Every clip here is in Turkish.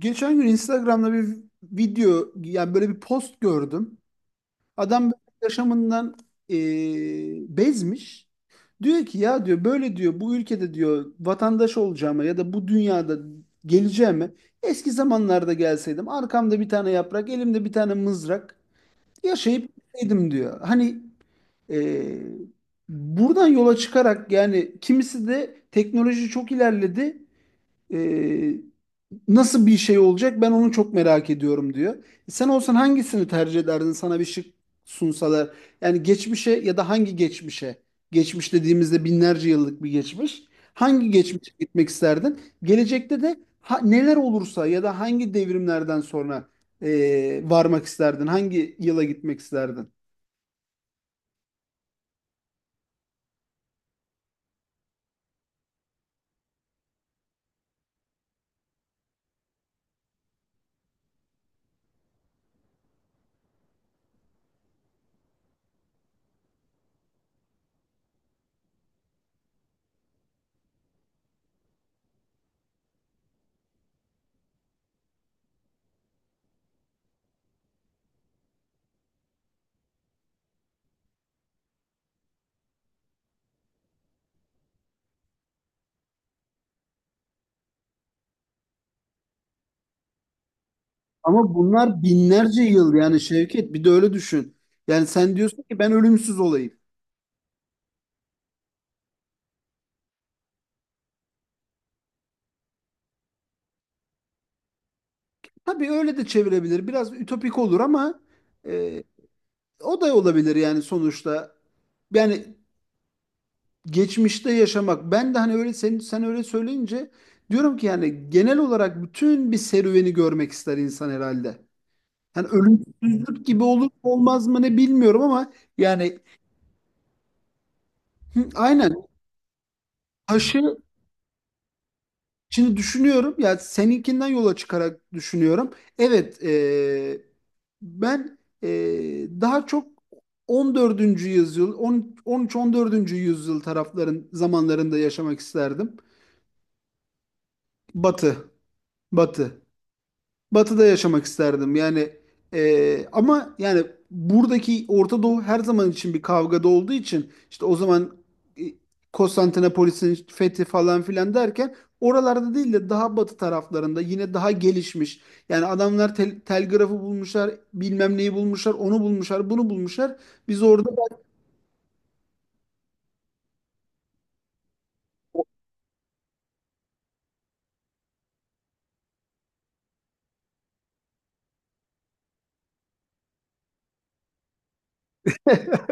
Geçen gün Instagram'da bir video yani böyle bir post gördüm. Adam böyle yaşamından bezmiş. Diyor ki ya diyor böyle diyor bu ülkede diyor vatandaş olacağıma ya da bu dünyada geleceğime eski zamanlarda gelseydim arkamda bir tane yaprak elimde bir tane mızrak yaşayıp gitseydim diyor. Hani eee, buradan yola çıkarak yani kimisi de teknoloji çok ilerledi. Ee, nasıl bir şey olacak ben onu çok merak ediyorum diyor. Sen olsan hangisini tercih ederdin sana bir şık sunsalar? Yani geçmişe ya da hangi geçmişe? Geçmiş dediğimizde binlerce yıllık bir geçmiş. Hangi geçmişe gitmek isterdin? Gelecekte de neler olursa ya da hangi devrimlerden sonra varmak isterdin? Hangi yıla gitmek isterdin? Ama bunlar binlerce yıl yani Şevket, bir de öyle düşün. Yani sen diyorsun ki ben ölümsüz olayım. Tabii öyle de çevirebilir. Biraz ütopik olur ama e, o da olabilir yani sonuçta. Yani geçmişte yaşamak. Ben de hani öyle sen öyle söyleyince diyorum ki yani genel olarak bütün bir serüveni görmek ister insan herhalde. Hani ölümsüzlük gibi olur mu olmaz mı ne bilmiyorum ama yani hı, aynen. Taşı. Şimdi düşünüyorum ya seninkinden yola çıkarak düşünüyorum. Evet, ben daha çok 14. yüzyıl, 10, 13-14. Yüzyıl tarafların zamanlarında yaşamak isterdim. Batı, Batı. Batı'da yaşamak isterdim. Yani ama yani buradaki Orta Doğu her zaman için bir kavgada olduğu için işte o zaman e, Konstantinopolis'in fethi falan filan derken oralarda değil de daha batı taraflarında yine daha gelişmiş. Yani adamlar telgrafı bulmuşlar, bilmem neyi bulmuşlar, onu bulmuşlar, bunu bulmuşlar. Biz orada.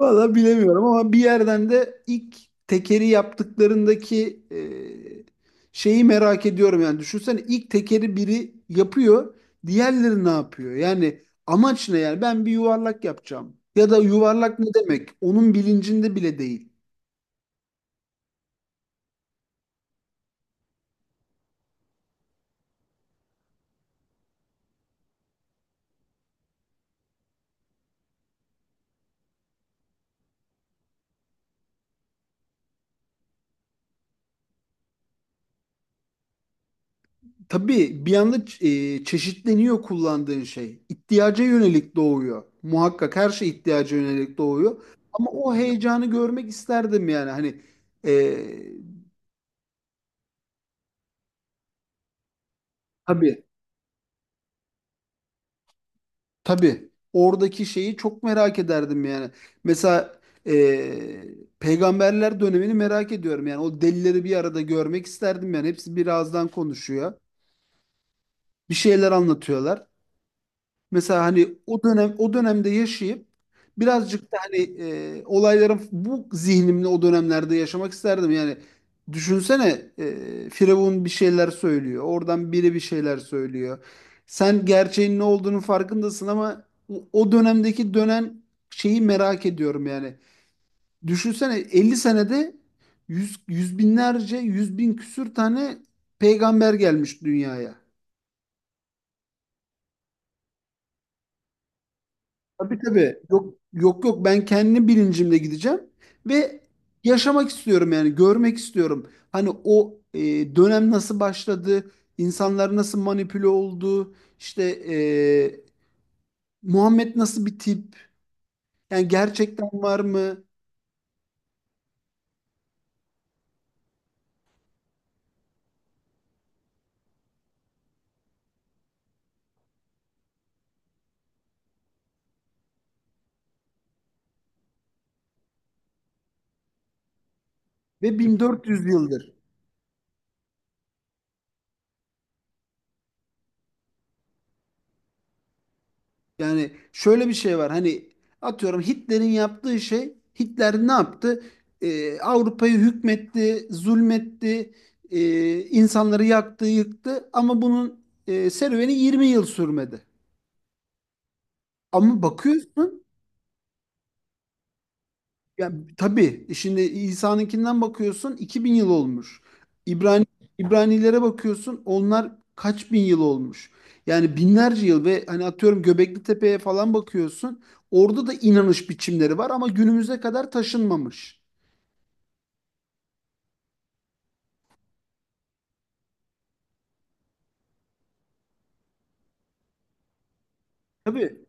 Valla bilemiyorum ama bir yerden de ilk tekeri yaptıklarındaki şeyi merak ediyorum yani. Düşünsene ilk tekeri biri yapıyor, diğerleri ne yapıyor? Yani amaç ne yani? Ben bir yuvarlak yapacağım. Ya da yuvarlak ne demek? Onun bilincinde bile değil. Tabii bir anda çeşitleniyor kullandığın şey. İhtiyaca yönelik doğuyor. Muhakkak her şey ihtiyaca yönelik doğuyor. Ama o heyecanı görmek isterdim yani. Hani e, tabii. Tabii oradaki şeyi çok merak ederdim yani. Mesela peygamberler dönemini merak ediyorum yani. O delileri bir arada görmek isterdim yani. Hepsi bir ağızdan konuşuyor. Bir şeyler anlatıyorlar. Mesela hani o dönemde yaşayıp birazcık da hani olayların bu zihnimle o dönemlerde yaşamak isterdim. Yani düşünsene Firavun bir şeyler söylüyor. Oradan biri bir şeyler söylüyor. Sen gerçeğin ne olduğunu farkındasın ama o dönemdeki dönen şeyi merak ediyorum yani. Düşünsene 50 senede yüz, yüz binlerce, yüz bin küsür tane peygamber gelmiş dünyaya. Tabii, tabii. Yok, yok, yok, ben kendi bilincimle gideceğim ve yaşamak istiyorum yani görmek istiyorum. Hani o dönem nasıl başladı, insanlar nasıl manipüle oldu, işte e, Muhammed nasıl bir tip, yani gerçekten var mı ve 1400 yıldır. Yani şöyle bir şey var hani atıyorum Hitler'in yaptığı şey. Hitler ne yaptı? Avrupa'yı hükmetti, zulmetti, e, insanları yaktı, yıktı ama bunun serüveni 20 yıl sürmedi. Ama bakıyorsun. Yani tabii, şimdi İsa'nınkinden bakıyorsun 2000 yıl olmuş. İbrani İbranilere bakıyorsun, onlar kaç bin yıl olmuş. Yani binlerce yıl ve hani atıyorum Göbekli Tepe'ye falan bakıyorsun. Orada da inanış biçimleri var ama günümüze kadar taşınmamış. Tabii,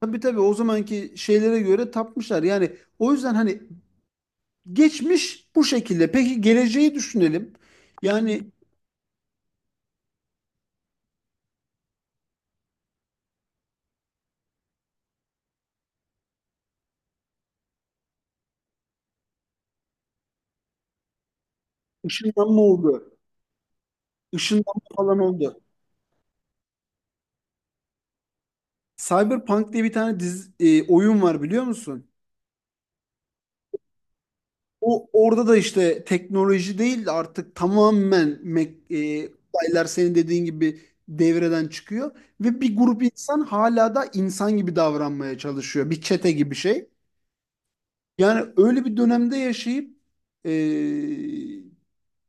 tabii, tabii, o zamanki şeylere göre tapmışlar. Yani o yüzden hani geçmiş bu şekilde. Peki geleceği düşünelim. Yani ışınlanma oldu. Işınlanma falan oldu. Cyberpunk diye bir tane dizi, oyun var biliyor musun? O orada da işte teknoloji değil de artık tamamen olaylar senin dediğin gibi devreden çıkıyor ve bir grup insan hala da insan gibi davranmaya çalışıyor. Bir çete gibi şey. Yani öyle bir dönemde yaşayıp e,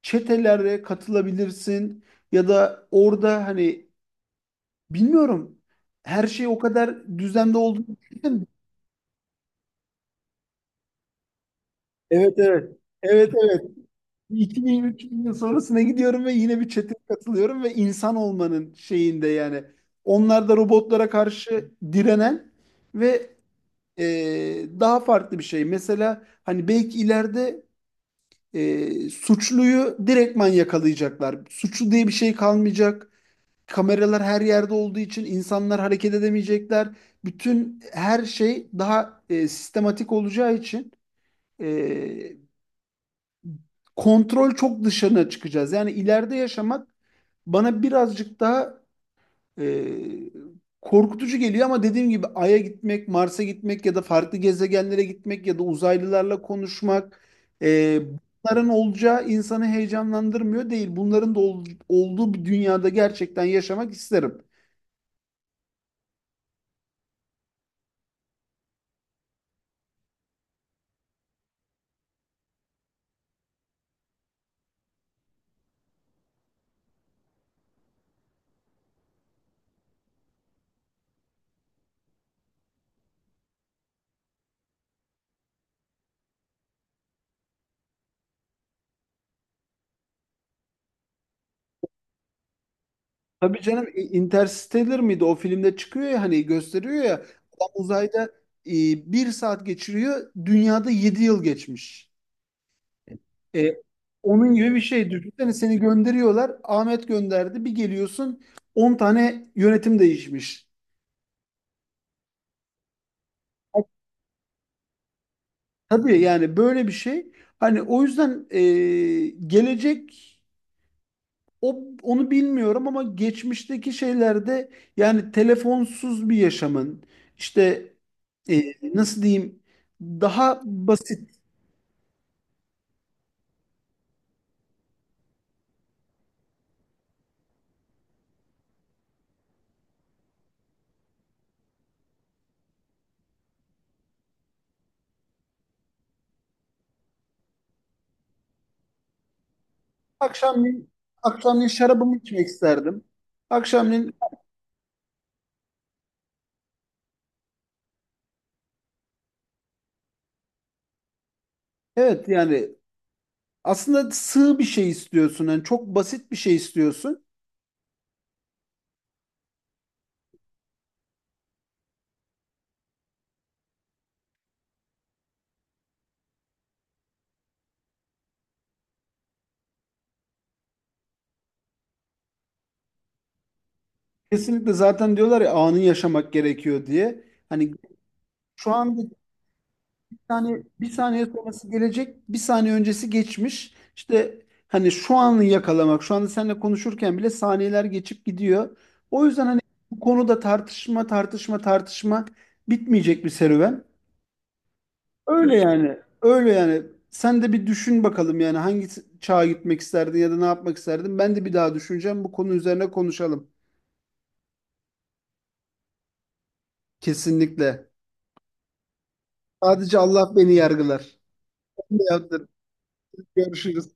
çetelere katılabilirsin ya da orada hani bilmiyorum, her şey o kadar düzende olduğunu düşündüm. Evet, evet. Evet, evet. 2000, 3000 yıl sonrasına gidiyorum ve yine bir çeteye katılıyorum ve insan olmanın şeyinde yani. Onlar da robotlara karşı direnen ve e, daha farklı bir şey. Mesela hani belki ileride suçluyu direktman yakalayacaklar. Suçlu diye bir şey kalmayacak. Kameralar her yerde olduğu için insanlar hareket edemeyecekler. Bütün her şey daha sistematik olacağı için e, kontrol çok dışına çıkacağız. Yani ileride yaşamak bana birazcık daha e, korkutucu geliyor ama dediğim gibi Ay'a gitmek, Mars'a gitmek ya da farklı gezegenlere gitmek ya da uzaylılarla konuşmak, e, bunların olacağı insanı heyecanlandırmıyor değil. Bunların da olduğu bir dünyada gerçekten yaşamak isterim. Tabii canım, Interstellar mıydı? O filmde çıkıyor ya hani gösteriyor ya, adam uzayda e, bir saat geçiriyor, dünyada 7 yıl geçmiş. E, onun gibi bir şey. Düşünsene seni gönderiyorlar. Ahmet gönderdi. Bir geliyorsun 10 tane yönetim değişmiş. Tabii yani böyle bir şey. Hani o yüzden gelecek, onu bilmiyorum ama geçmişteki şeylerde yani telefonsuz bir yaşamın, işte e, nasıl diyeyim, daha basit. Akşamleyin akşamleyin şarabımı içmek isterdim. Akşamleyin, evet yani. Aslında sığ bir şey istiyorsun. Yani çok basit bir şey istiyorsun. Kesinlikle, zaten diyorlar ya anı yaşamak gerekiyor diye. Hani şu an. Yani bir saniye sonrası gelecek, bir saniye öncesi geçmiş. İşte hani şu anı yakalamak, şu anda seninle konuşurken bile saniyeler geçip gidiyor. O yüzden hani bu konuda tartışma, tartışma, tartışma bitmeyecek bir serüven. Öyle yani, öyle yani. Sen de bir düşün bakalım yani hangi çağa gitmek isterdin ya da ne yapmak isterdin. Ben de bir daha düşüneceğim. Bu konu üzerine konuşalım. Kesinlikle. Sadece Allah beni yargılar. Ben de yaptım. Görüşürüz.